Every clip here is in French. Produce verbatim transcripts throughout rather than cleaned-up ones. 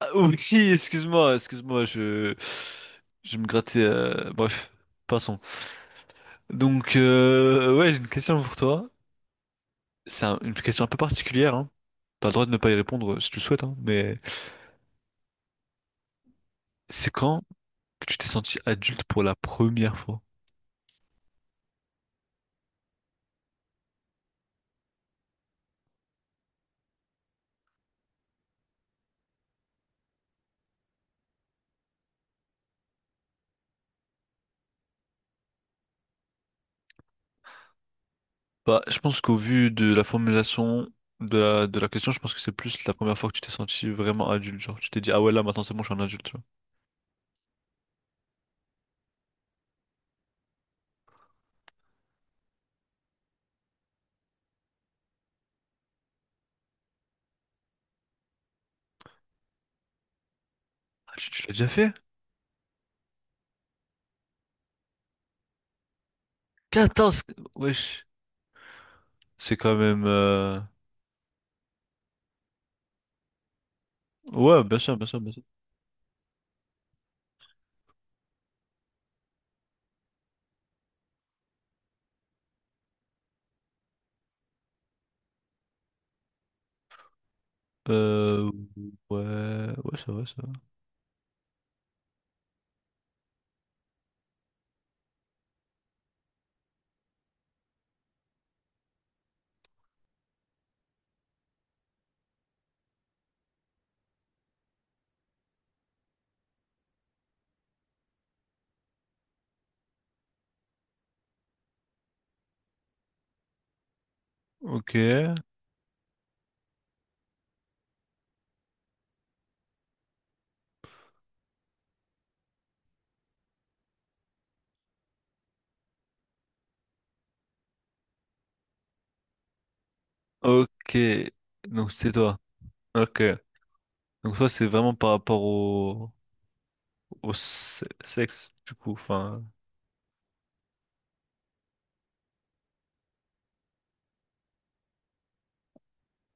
Ah, oui, excuse-moi, excuse-moi, je... je me grattais. euh, Bref, passons. Donc, euh, ouais, j'ai une question pour toi. C'est un- une question un peu particulière, hein. T'as le droit de ne pas y répondre euh, si tu le souhaites, hein, mais c'est quand que tu t'es senti adulte pour la première fois? Bah, je pense qu'au vu de la formulation de la, de la question, je pense que c'est plus la première fois que tu t'es senti vraiment adulte. Genre, tu t'es dit, ah ouais, là, maintenant, c'est bon, je suis un adulte, tu vois. Ah, tu, tu l'as déjà fait? Quatorze. Wesh. C'est quand même... euh, Ouais, bien sûr, bien sûr, bien sûr. Euh, ouais, ouais, ça va, ça va. Ok, ok. Donc c'était toi. Ok. Donc toi, c'est vraiment par rapport au, au se- sexe, du coup. Enfin,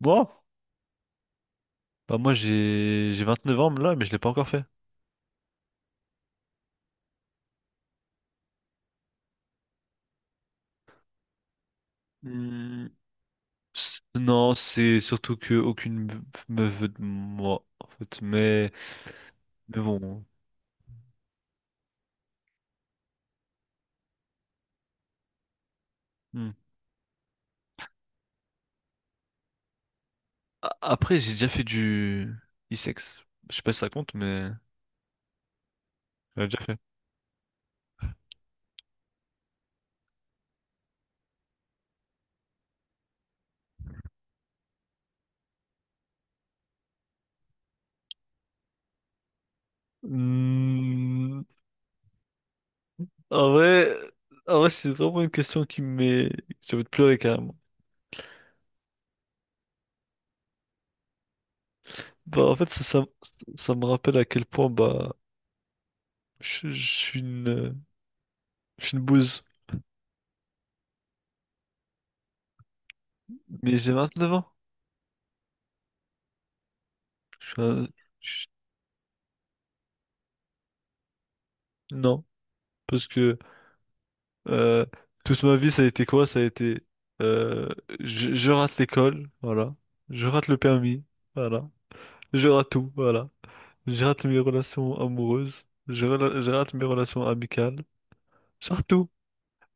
bon, bah moi j'ai j'ai vingt-neuf ans là, mais je l'ai pas encore fait. Hmm, s- Non, c'est surtout que aucune me me veut de moi, en fait. Mais mais bon. Hmm. A- Après, j'ai déjà fait du e-sex. Je sais pas si ça compte, mais j'en ai déjà fait. Hmm, En vrai, en vrai, c'est vraiment une question qui me met... J'ai envie de pleurer carrément. Bah, en fait, ça, ça, ça me rappelle à quel point bah, je, je suis une, je suis une bouse. Mais j'ai vingt-neuf ans. Je suis un- je- Non, parce que euh, toute ma vie, ça a été quoi? Ça a été euh, je, je rate l'école, voilà. Je rate le permis, voilà. Je rate tout, voilà. Je rate mes relations amoureuses. Je, rela- je rate mes relations amicales. Je rate tout.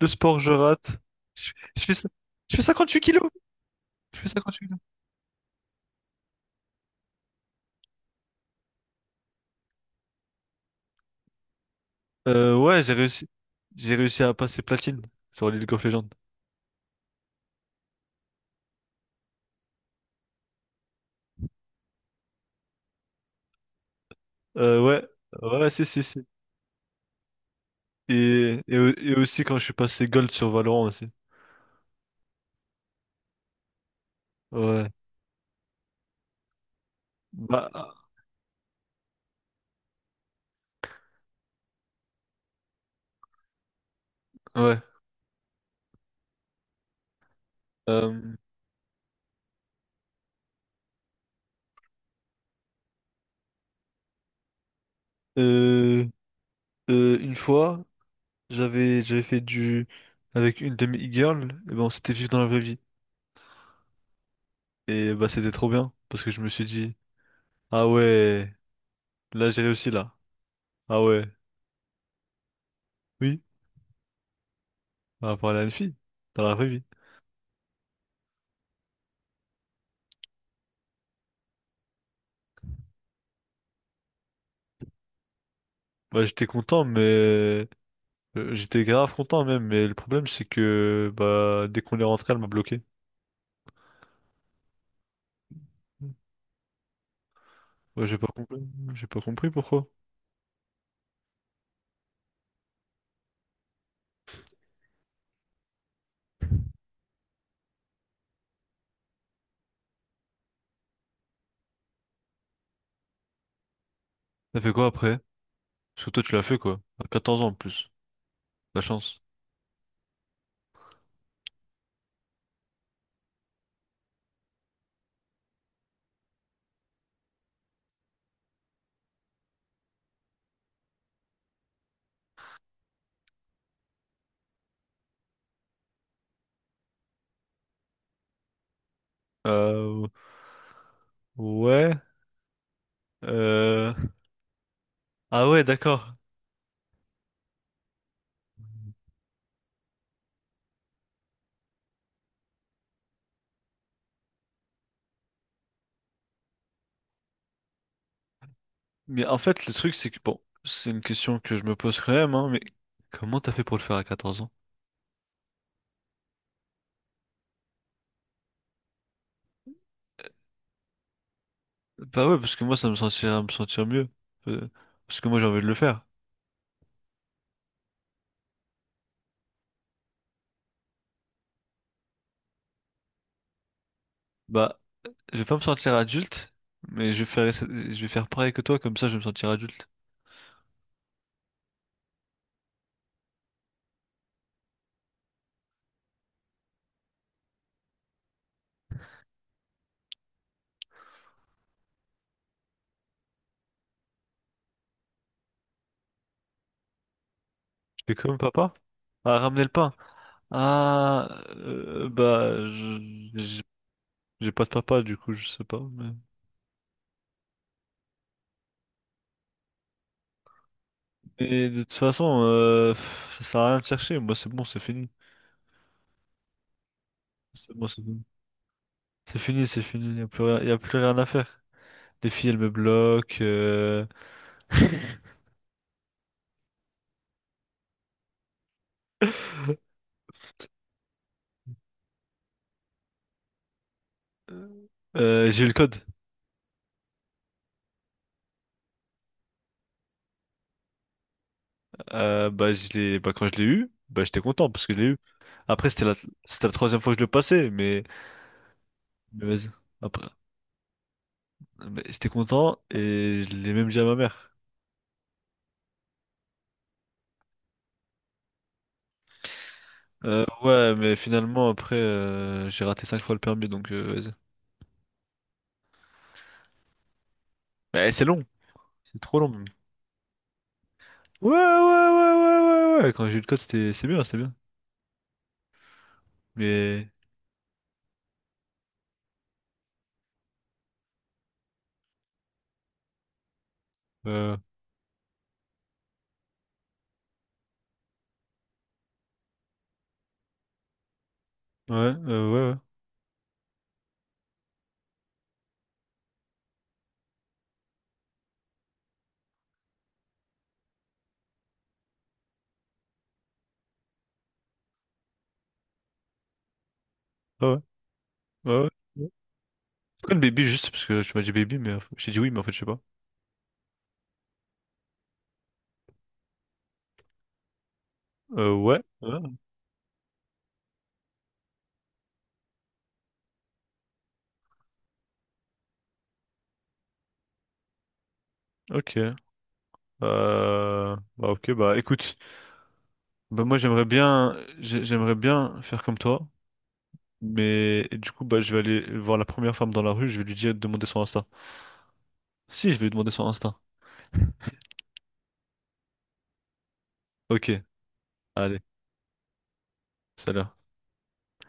Le sport, je rate. Je, je fais ça. Je fais cinquante huit kilos. Je fais cinquante huit kilos. Euh, ouais, j'ai réussi. J'ai réussi à passer platine sur League of Legends. Euh, ouais. Ouais, si, si, si. Et, et, au- et aussi quand je suis passé gold sur Valorant aussi. Ouais. Bah, ouais. Euh, euh, euh, une fois, j'avais j'avais fait du avec une de mes e-girls, et ben on s'était vu dans la vraie vie. Et bah c'était trop bien parce que je me suis dit ah ouais, là j'ai réussi là. Ah ouais. Oui. Par rapport à une fille, dans la vraie vie. Bah, j'étais content, mais euh, j'étais grave content même. Mais le problème, c'est que bah, dès qu'on est rentré, elle m'a bloqué. Ouais, j'ai pas compris. J'ai pas compris pourquoi. T'as fait quoi après? Parce que toi, tu l'as fait quoi? À quatorze ans en plus. La chance. Euh, ouais. Euh... Ah ouais, d'accord. Mais en fait, le truc, c'est que bon, c'est une question que je me pose quand même, hein, mais comment t'as fait pour le faire à quatorze ans? Bah ouais, parce que moi, ça me sentirait me sentir mieux. Euh, Parce que moi, j'ai envie de le faire. Bah, je vais pas me sentir adulte, mais je vais faire, essa- je vais faire pareil que toi, comme ça, je vais me sentir adulte. Je fais comme papa. Ah, ramener le pain. Ah, euh, bah, je- j'ai j'ai pas de papa, du coup, je sais pas. Mais, mais de toute façon, euh, pff, ça sert à rien de chercher. Moi, c'est bon, c'est fini. C'est bon, c'est fini. C'est fini, c'est fini. Y a plus rien, y a plus rien à faire. Les filles, elles me bloquent. euh, euh, j'ai eu le code. Euh, bah, je l'ai, bah, quand je l'ai eu, bah, j'étais content parce que je l'ai eu. Après, c'était la, c'était la troisième fois que je le passais, mais, mais vas-y. Après, mais j'étais content et je l'ai même dit à ma mère. Euh, ouais, mais finalement, après, euh, j'ai raté cinq fois le permis, donc euh, vas-y. Mais c'est long, c'est trop long. Même. Ouais, ouais, ouais, ouais, ouais, ouais. Quand j'ai eu le code, c'était, c'est bien, c'est bien. Mais, euh, ouais, euh, ouais, ouais, ouais, ouais, ouais. Ouais. Pourquoi le baby juste parce que tu m'as dit baby mais en fait- j'ai dit oui mais en fait je sais pas. Euh, ouais. Ouais. Ok. Euh, bah ok bah écoute bah moi j'aimerais bien j'ai- j'aimerais bien faire comme toi mais du coup bah je vais aller voir la première femme dans la rue je vais lui dire de demander son Insta. Si je vais lui demander son Insta. Ok allez salut.